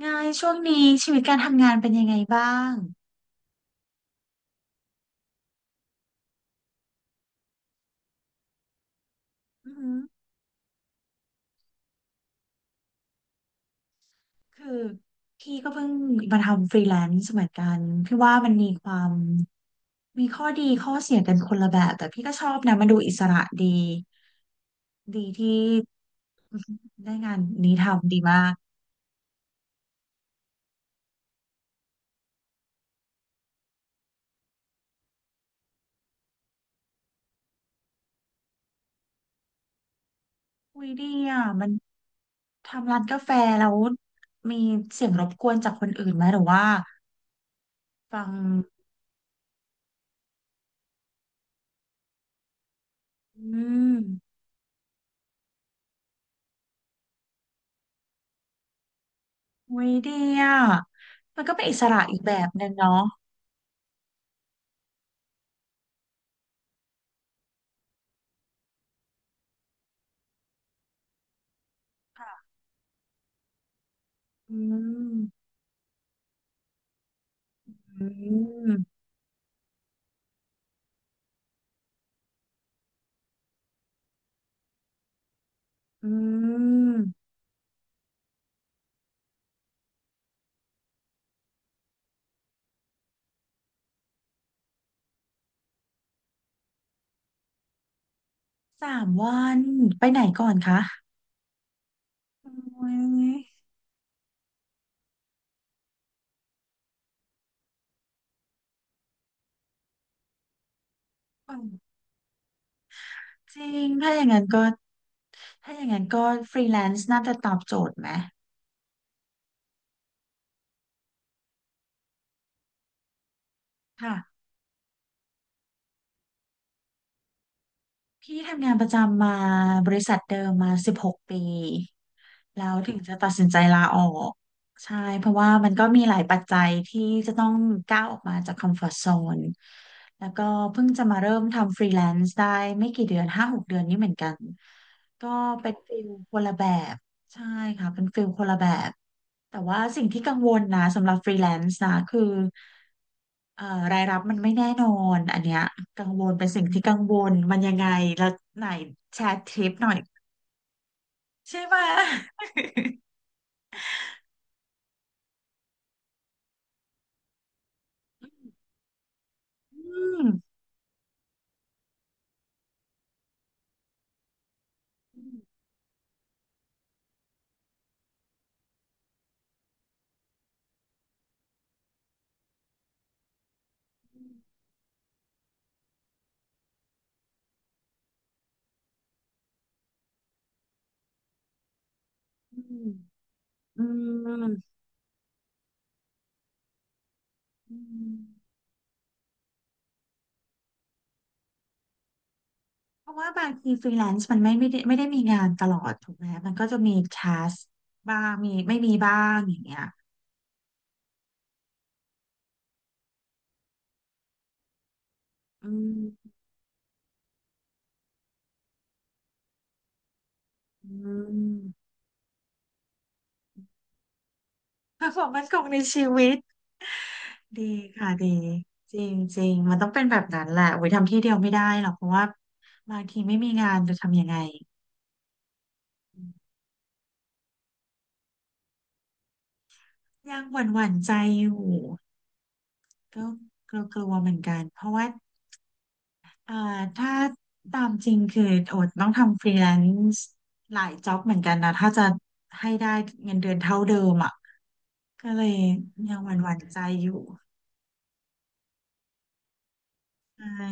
ไงช่วงนี้ชีวิตการทำงานเป็นยังไงบ้างอือหือคือพี่ก็เพิ่งมาทำฟรีแลนซ์เหมือนกันพี่ว่ามันมีความมีข้อดีข้อเสียกันคนละแบบแต่พี่ก็ชอบนะมันดูอิสระดีดีที่อื้อหือได้งานนี้ทำดีมากอุ้ยดีอ่ะมันทำร้านกาแฟแล้วมีเสียงรบกวนจากคนอื่นไหมหรือว่าฟังอืมอุ้ยดีอ่ะมันก็เป็นอิสระอีกแบบนึงเนาะอืม อืมอืมสามวันไปไหนก่อนคะโอ้ยจริงถ้าอย่างนั้นก็ถ้าอย่างนั้นก็ฟรีแลนซ์น่าจะตอบโจทย์ไหมค่ะ พี่ทำงานประจำมาบริษัทเดิมมา16 ปีแล้วถึงจะตัดสินใจลาออกใช่เพราะว่ามันก็มีหลายปัจจัยที่จะต้องก้าวออกมาจากคอมฟอร์ z โซนแล้วก็เพิ่งจะมาเริ่มทำฟรีแลนซ์ได้ไม่กี่เดือน5-6 เดือนนี้เหมือนกันก็เป็นฟิลคนละแบบ ใช่ค่ะเป็นฟิลคนละแบบแต่ว่าสิ่งที่กังวลนะสำหรับฟรีแลนซ์นะคือเอ่อรายรับมันไม่แน่นอนอันเนี้ยกังวลเป็นสิ่งที่กังวลมันยังไงแล้วไหนแชร์ทริปหน่อยใช่ไหม อืมอืมอืมอืมเพราะว่าบางทีฟรีแลนซ์มันไม่ได้มีงานตลอดถูกไหมมันก็จะมีทัสบ้างมีไม่มีบ้างอย่างเงี้ยอืมอืม performance ของในชีวิต ดีค่ะดีจริงจริงมันต้องเป็นแบบนั้นแหละโอ้ยทำที่เดียวไม่ได้หรอกเพราะว่าบางทีไม่มีงานจะทำยังไงยังหวั่นหวั่นใจอยู่ก็กลัวกลัวเหมือนกันเพราะว่าเอ่อถ้าตามจริงคือโอดต้องทำฟรีแลนซ์หลายจ็อบเหมือนกันนะถ้าจะให้ได้เงินเดือนเท่าเดิมอ่ะก็เลยยังหวั่นหวั่นใจอยู่ใช่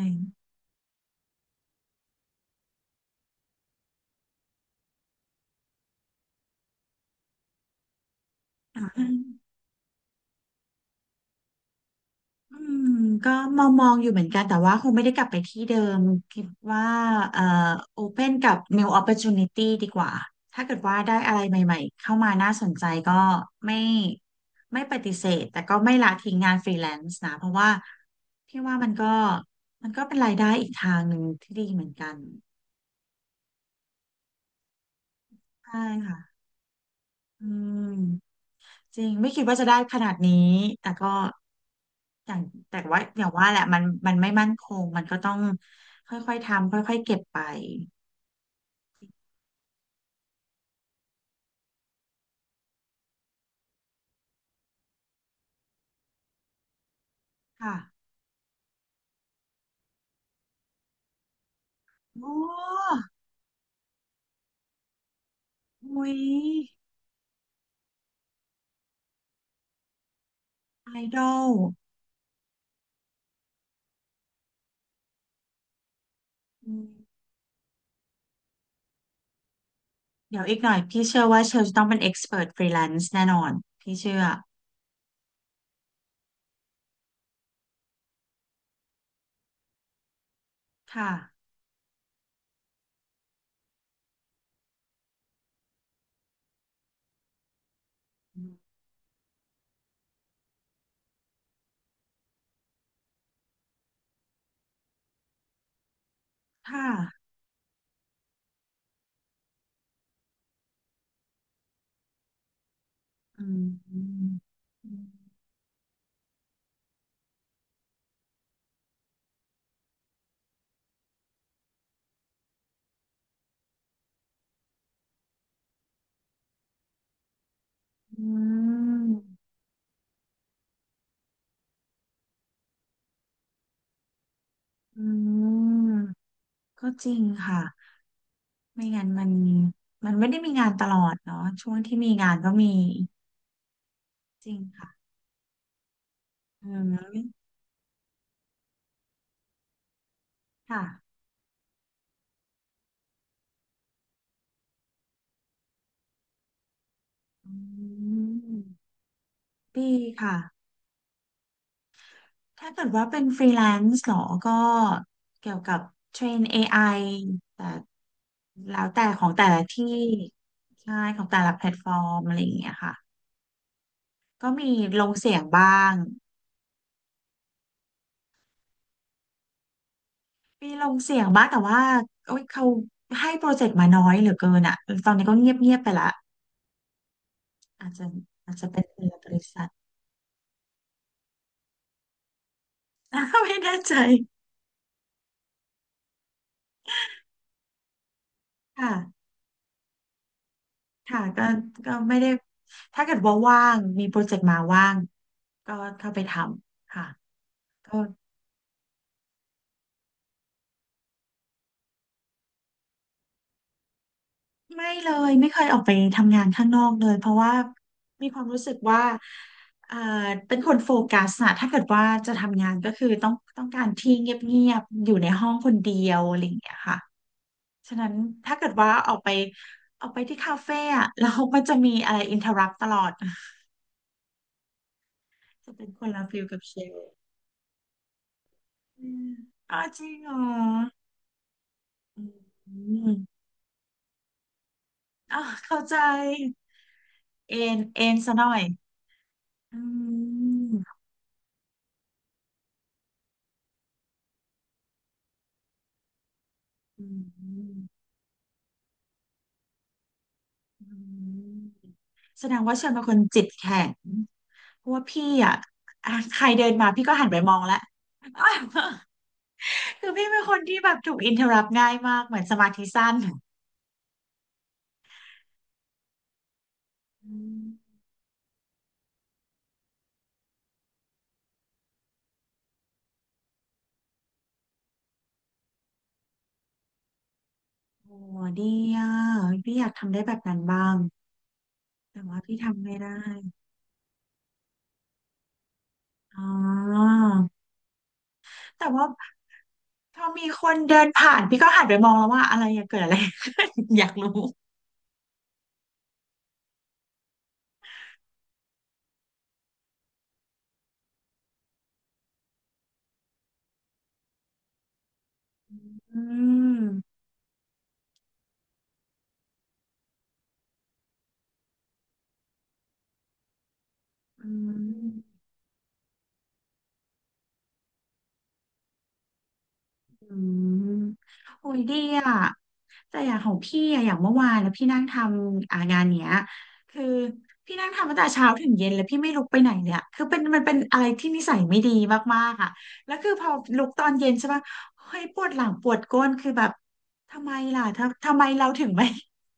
อืมก็มองอยู่เหมือนกันแต่ว่าคงไม่ได้กลับไปที่เดิมคิดว่าเอ่อ open กับ new opportunity ดีกว่าถ้าเกิดว่าได้อะไรใหม่ๆเข้ามาน่าสนใจก็ไม่ไม่ปฏิเสธแต่ก็ไม่ละทิ้งงานฟรีแลนซ์นะเพราะว่าพี่ว่ามันก็เป็นรายได้อีกทางหนึ่งที่ดีเหมือนกันใช่ค่ะอืม จริงไม่คิดว่าจะได้ขนาดนี้แต่ก็อย่างแต่ว่าอย่างว่าแหละมันไม่มั่นคงมันก็ต้องค่อยๆทำค่อยๆเก็บไปค่ะโอ้อุ๊ยไอดอลอืมเดี๋ยวอีกหน่อยพี่เชื่อว่าเชลจะต้องเป็นเอ็กซ์เพรสฟรีแลนซ์แน่นอนพี่เชื่อค่ะอืมค่ะอืมอืมอืมอืมก็จริงค่ะ ไม่งั้นมันไม่ได้มีงานตลอดเนาะช่วงที่มีงานก็มีจริงค่ะอืมค่ะอืมพีค่ะถ้าเกิดว่าเป็นฟรีแลนซ์เหรอก็เกี่ยวกับเทรนเอไอแต่แล้วแต่ของแต่ละที่ใช่ของแต่ละแพลตฟอร์มอะไรอย่างเงี้ยค่ะก็ลงเสียงบ้างมีลงเสียงบ้างแต่ว่าโอ๊ยเขาให้โปรเจกต์มาน้อยเหลือเกินอ่ะตอนนี้ก็เงียบเงียบไปละ อาจจะอาจจะเป็นเรือบริ ษัท ไม่แน่ใจค่ะค่ะก็ไม่ได้ถ้าเกิดว่าว่างมีโปรเจกต์มาว่างก็เข้าไปทำค่ะก็ไม่เลยไม่เคยออกไปทำงานข้างนอกเลยเพราะว่ามีความรู้สึกว่าเอ่อเป็นคนโฟกัสนะถ้าเกิดว่าจะทำงานก็คือต้องการที่เงียบๆอยู่ในห้องคนเดียวอะไรอย่างเงี้ยค่ะฉะนั้นถ้าเกิดว่าออกไปที่คาเฟ่อะ แล้วมันก็จะมีอะไรอินเทอร์รัปตลอด จะเป็นคนละฟิลกับเชลอืมอ๋อจริงเหรออืมอ๋อเข้าใจ เอ็นซะหน่อยอืมอืมอืมแสดงว่าเชลเป็นคนจิตแข็ง เพราะว่าพี่อะอ่ะใครเดินมาพี่ก็หันไปมองแล้ว คือพี่เป็นคนที่แบบถูกอินเทอร์รัปง่ายมากเหมือนสมาธิสั้นอืมโอ้ดีอ่ะพี่อยากทำได้แบบนั้นบ้างแต่ว่าพี่ทำไม่ได้อ๋อ แต่ว่าพอมีคนเดินผ่านพี่ก็หันไปมองแล้วว่าอะไรอะเกิดอะไร ขึ้น อยากรู้อืมอืมอืมโอ้ยดีอ่ะแต่อย่างของพี่อะอย่างเมื่อวานแล้วพี่นั่งทำอ่างานเนี้ยคือพี่นั่งทำตั้งแต่เช้าถึงเย็นแล้วพี่ไม่ลุกไปไหนเลยอะคือเป็นมันเป็นอะไรที่นิสัยไม่ดีมากๆอ่ะแล้วคือพอลุกตอนเย็นใช่ปะเฮ้ยปวดหลังปวดก้นคือแบบทำไมล่ะทำไมเราถึงไม่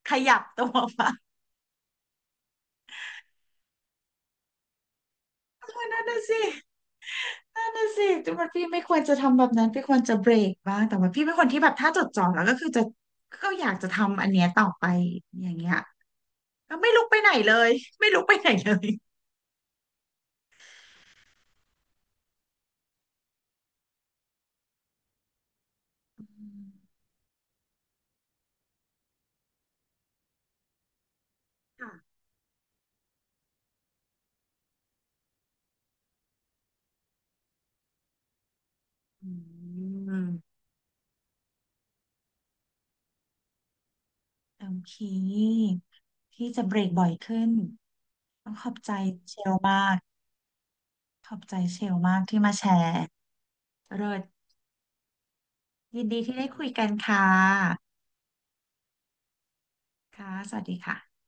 ขยับตัวไป นั่นน่ะสินั่นน่ะสิแต่มันพี่ไม่ควรจะทำแบบนั้นพี่ควรจะเบรกบ้างแต่ว่าพี่เป็นคนที่แบบถ้าจดจ่อแล้วก็คือจะก็อยากจะทำอันเนี้ยต่อไป อย่างเงี้ยก็ไม่ลุกไปไหนเลยไม่ลุกไปไหนเลยค่ะอืมโอเคพี่จะเบรกบ่อยขึ้นต้องขอบใจเชลมากขอบใจเชลมากที่มาแชร์เลิศยินดีที่ได้คุยกันค่ะค่ะสวัสดีค่ะ